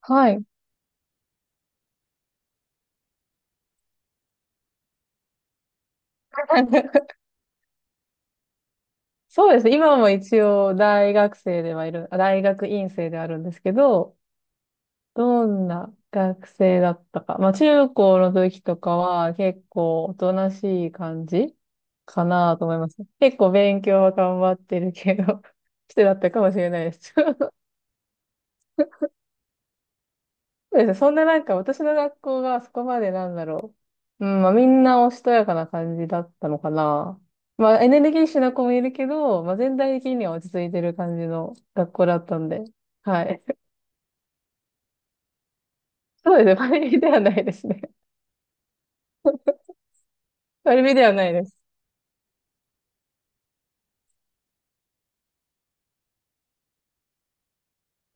はい。そうですね。今も一応大学生ではいる、あ大学院生であるんですけど、どんな学生だったか。まあ中高の時とかは結構おとなしい感じかなと思います。結構勉強は頑張ってるけど、してだったかもしれないです。そうですね。そんななんか私の学校がそこまでなんだろう。うん、まあみんなおしとやかな感じだったのかな。まあエネルギッシュな子もいるけど、まあ全体的には落ち着いてる感じの学校だったんで。はい。そうですね。パリピではないですね。パリピではないです。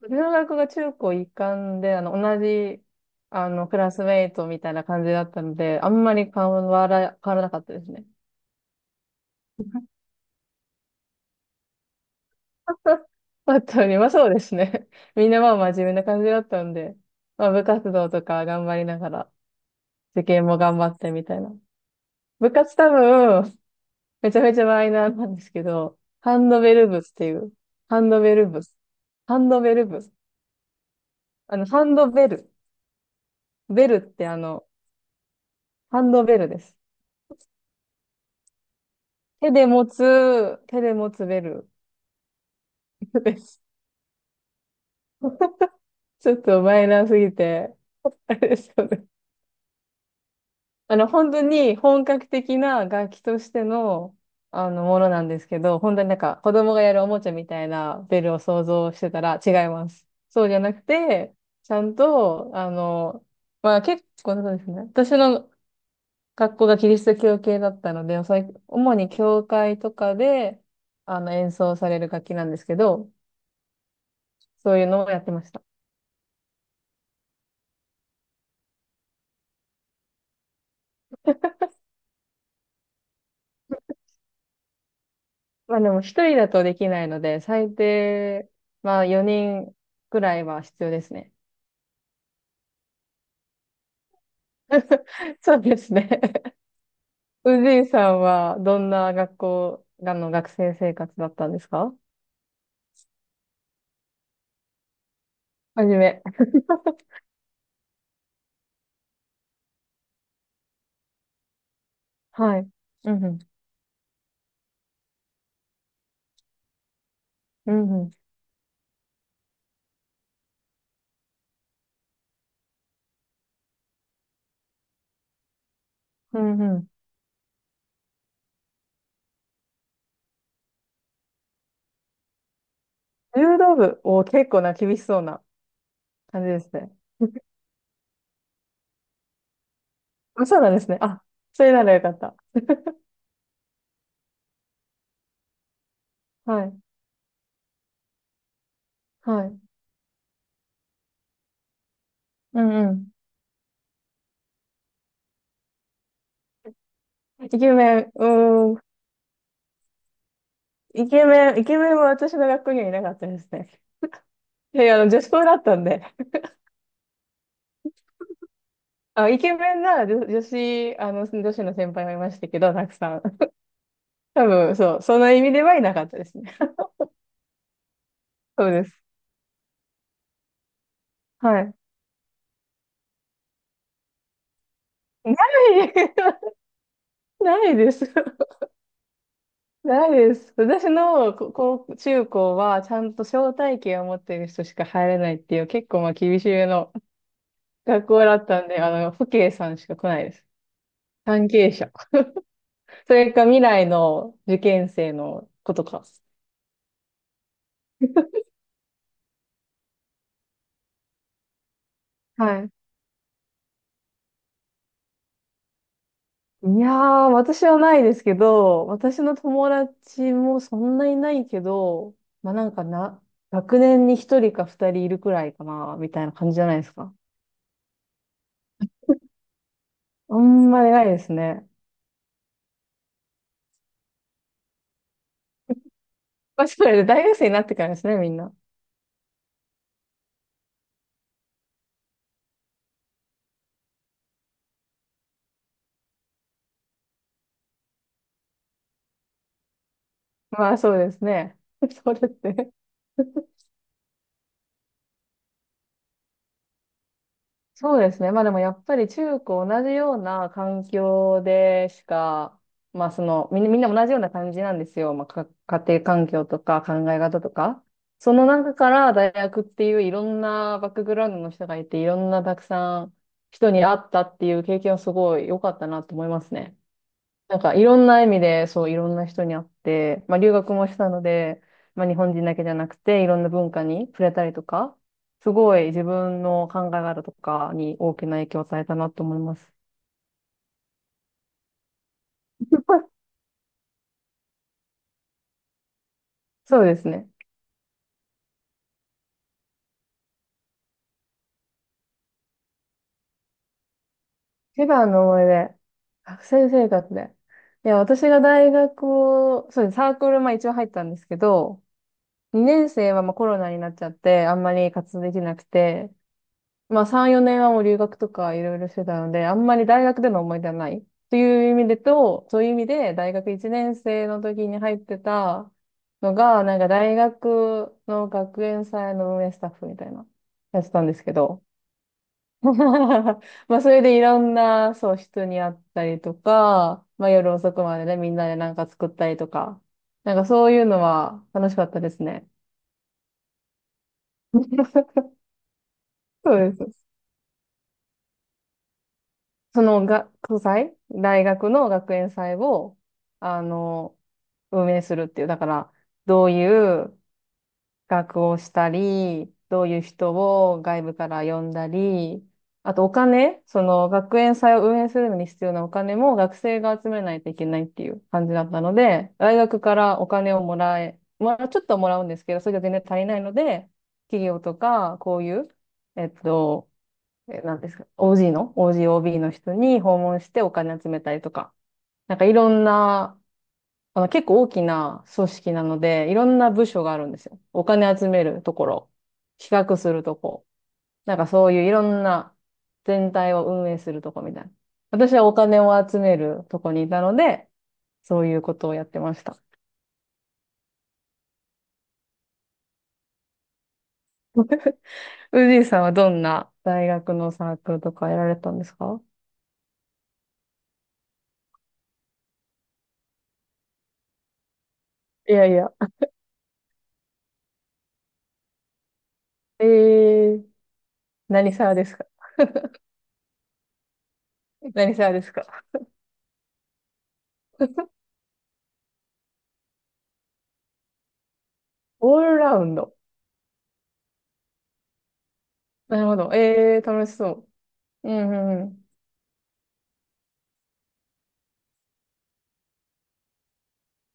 私の学校が中高一貫で、同じ、クラスメイトみたいな感じだったので、あんまり変わらなかったですね。本当に、まあそうですね。みんなまあ真面目な感じだったんで、まあ部活動とか頑張りながら、受験も頑張ってみたいな。部活多分、めちゃめちゃマイナーなんですけど、ハンドベル部っていう、ハンドベル部、ハンドベル部、ハンドベル、ベルってハンドベルです。手で持つ、手で持つベルです。ちょっとマイナーすぎて、あれですよね。本当に本格的な楽器としての、ものなんですけど、本当になんか子供がやるおもちゃみたいなベルを想像してたら違います。そうじゃなくて、ちゃんと、まあ結構そうですね。私の学校がキリスト教系だったので、おさい主に教会とかで、演奏される楽器なんですけど、そういうのをやってました。まあでも一人だとできないので、最低、まあ4人くらいは必要ですね。そうですね。宇治井さんはどんな学校がの学生生活だったんですか？はじめ。はい。うんうん。うんうん。うんうん。柔道部を結構な厳しそうな感じですね。あ、そうなんですね。あ、それならよかった。はい。はい。うんうん。イケメン、うーん。イケメン、イケメンは私の学校にはいなかったですね。いやいや、女子校だったんで。あ、イケメンなら女女子、女子の先輩はいましたけど、たくさん。多分、そう、その意味ではいなかったですね。そうです。はい。ない ないです。ないです。私の中高は、ちゃんと招待券を持ってる人しか入れないっていう、結構まあ厳しめの 学校だったんで、父兄さんしか来ないです。関係者。それか未来の受験生の子とか。はい。いやー、私はないですけど、私の友達もそんなにないけど、まあなんかな、学年に一人か二人いるくらいかな、みたいな感じじゃないですか。あんまりないですね。まあ、それで大学生になってからですね、みんな。まあそうですね。それってそうですね。まあでもやっぱり中高同じような環境でしか、まあその、みんな同じような感じなんですよ。まあか家庭環境とか考え方とか。その中から大学っていういろんなバックグラウンドの人がいて、いろんなたくさん人に会ったっていう経験はすごい良かったなと思いますね。なんかいろんな意味で、そう、いろんな人に会って、まあ留学もしたので、まあ日本人だけじゃなくて、いろんな文化に触れたりとか、すごい自分の考え方とかに大きな影響を与えたなと思います。そうですね。一番の思い出、学生生活で。いや、私が大学を、そうです、サークル、まあ一応入ったんですけど、2年生はまあコロナになっちゃって、あんまり活動できなくて、まあ3、4年はもう留学とかいろいろしてたので、あんまり大学での思い出はない。という意味でと、そういう意味で大学1年生の時に入ってたのが、なんか大学の学園祭の運営スタッフみたいなやつなたんですけど。まあそれでいろんな、そう、人に会ったりとか、まあ夜遅くまでね、みんなでなんか作ったりとか、なんかそういうのは楽しかったですね。そうです。その学祭、大学の学園祭を、あの、運営するっていう。だから、どういう学をしたり、どういう人を外部から呼んだり、あとお金、その学園祭を運営するのに必要なお金も学生が集めないといけないっていう感じだったので、大学からお金をもらえ、まあ、ちょっとはもらうんですけど、それが全然足りないので、企業とか、こういう、えっと、なんですか、OG の、OGOB の人に訪問してお金集めたりとか、なんかいろんな、あの結構大きな組織なので、いろんな部署があるんですよ。お金集めるところ、企画するとこ、なんかそういういろんな全体を運営するとこみたいな。私はお金を集めるとこにいたので、そういうことをやってました。ウジーさんはどんな大学のサークルとかやられたんですか？いやいや。えー、何サーですか？何サーですか？オールラウンド。なるほど。ええー、楽しそう。うんうんうん。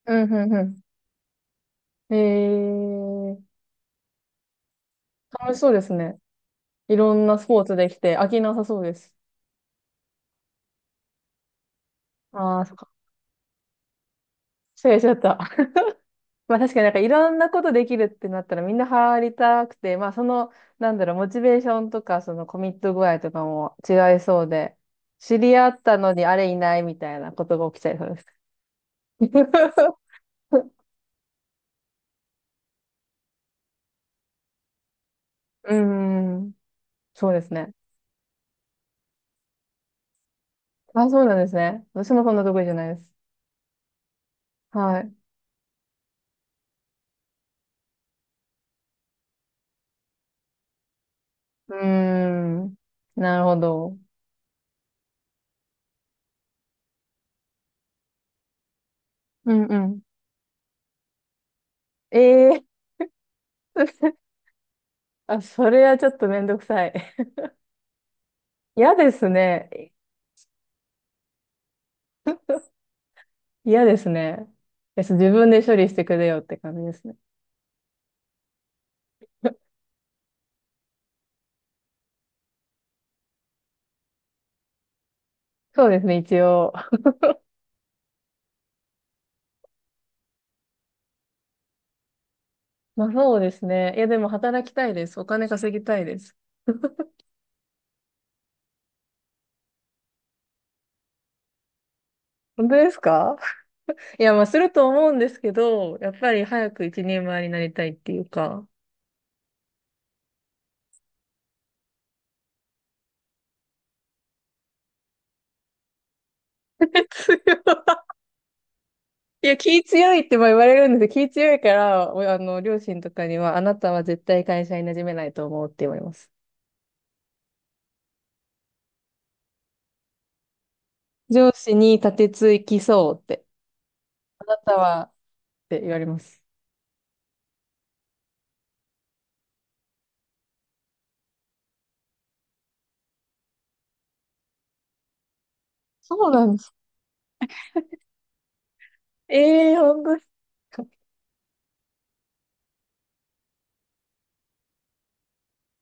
うんうんうん。ええー、楽しそうですね。いろんなスポーツできて飽きなさそうです。ああ、そっか。失礼しちゃった。まあ確かになんかいろんなことできるってなったらみんな入りたくて、まあその、なんだろう、モチベーションとかそのコミット具合とかも違いそうで、知り合ったのにあれいないみたいなことが起きちゃいそうです。うーん、そうですね。あ、そうなんですね。私もそんな得意じゃないです。はい。うーん。なるほど。うんうん。ええ あ、それはちょっとめんどくさい。嫌ですね。嫌ですね。です自分で処理してくれよって感じですね。そうですね、一応。まあそうですね。いや、でも働きたいです。お金稼ぎたいです。本当ですか？ いや、まあすると思うんですけど、やっぱり早く一人前になりたいっていうか。強いいや、気強いってまあ言われるんですけど、気強いから、おあの、両親とかには、あなたは絶対会社に馴染めないと思うって言われます。上司に立てつきそうって、あなたはって言われます。そうなんです。ええー、本当ですか。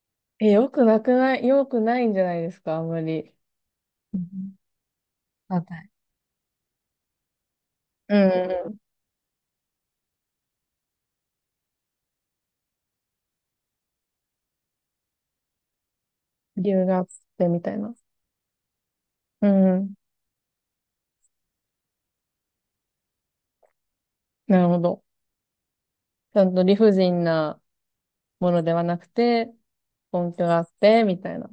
え、よくないんじゃないですか、あんまり。うん。反対うんうん。理由があってみたいな。うん。なるほど。ちゃんと理不尽なものではなくて、根拠があって、みたいな。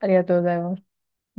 ありがとうございます。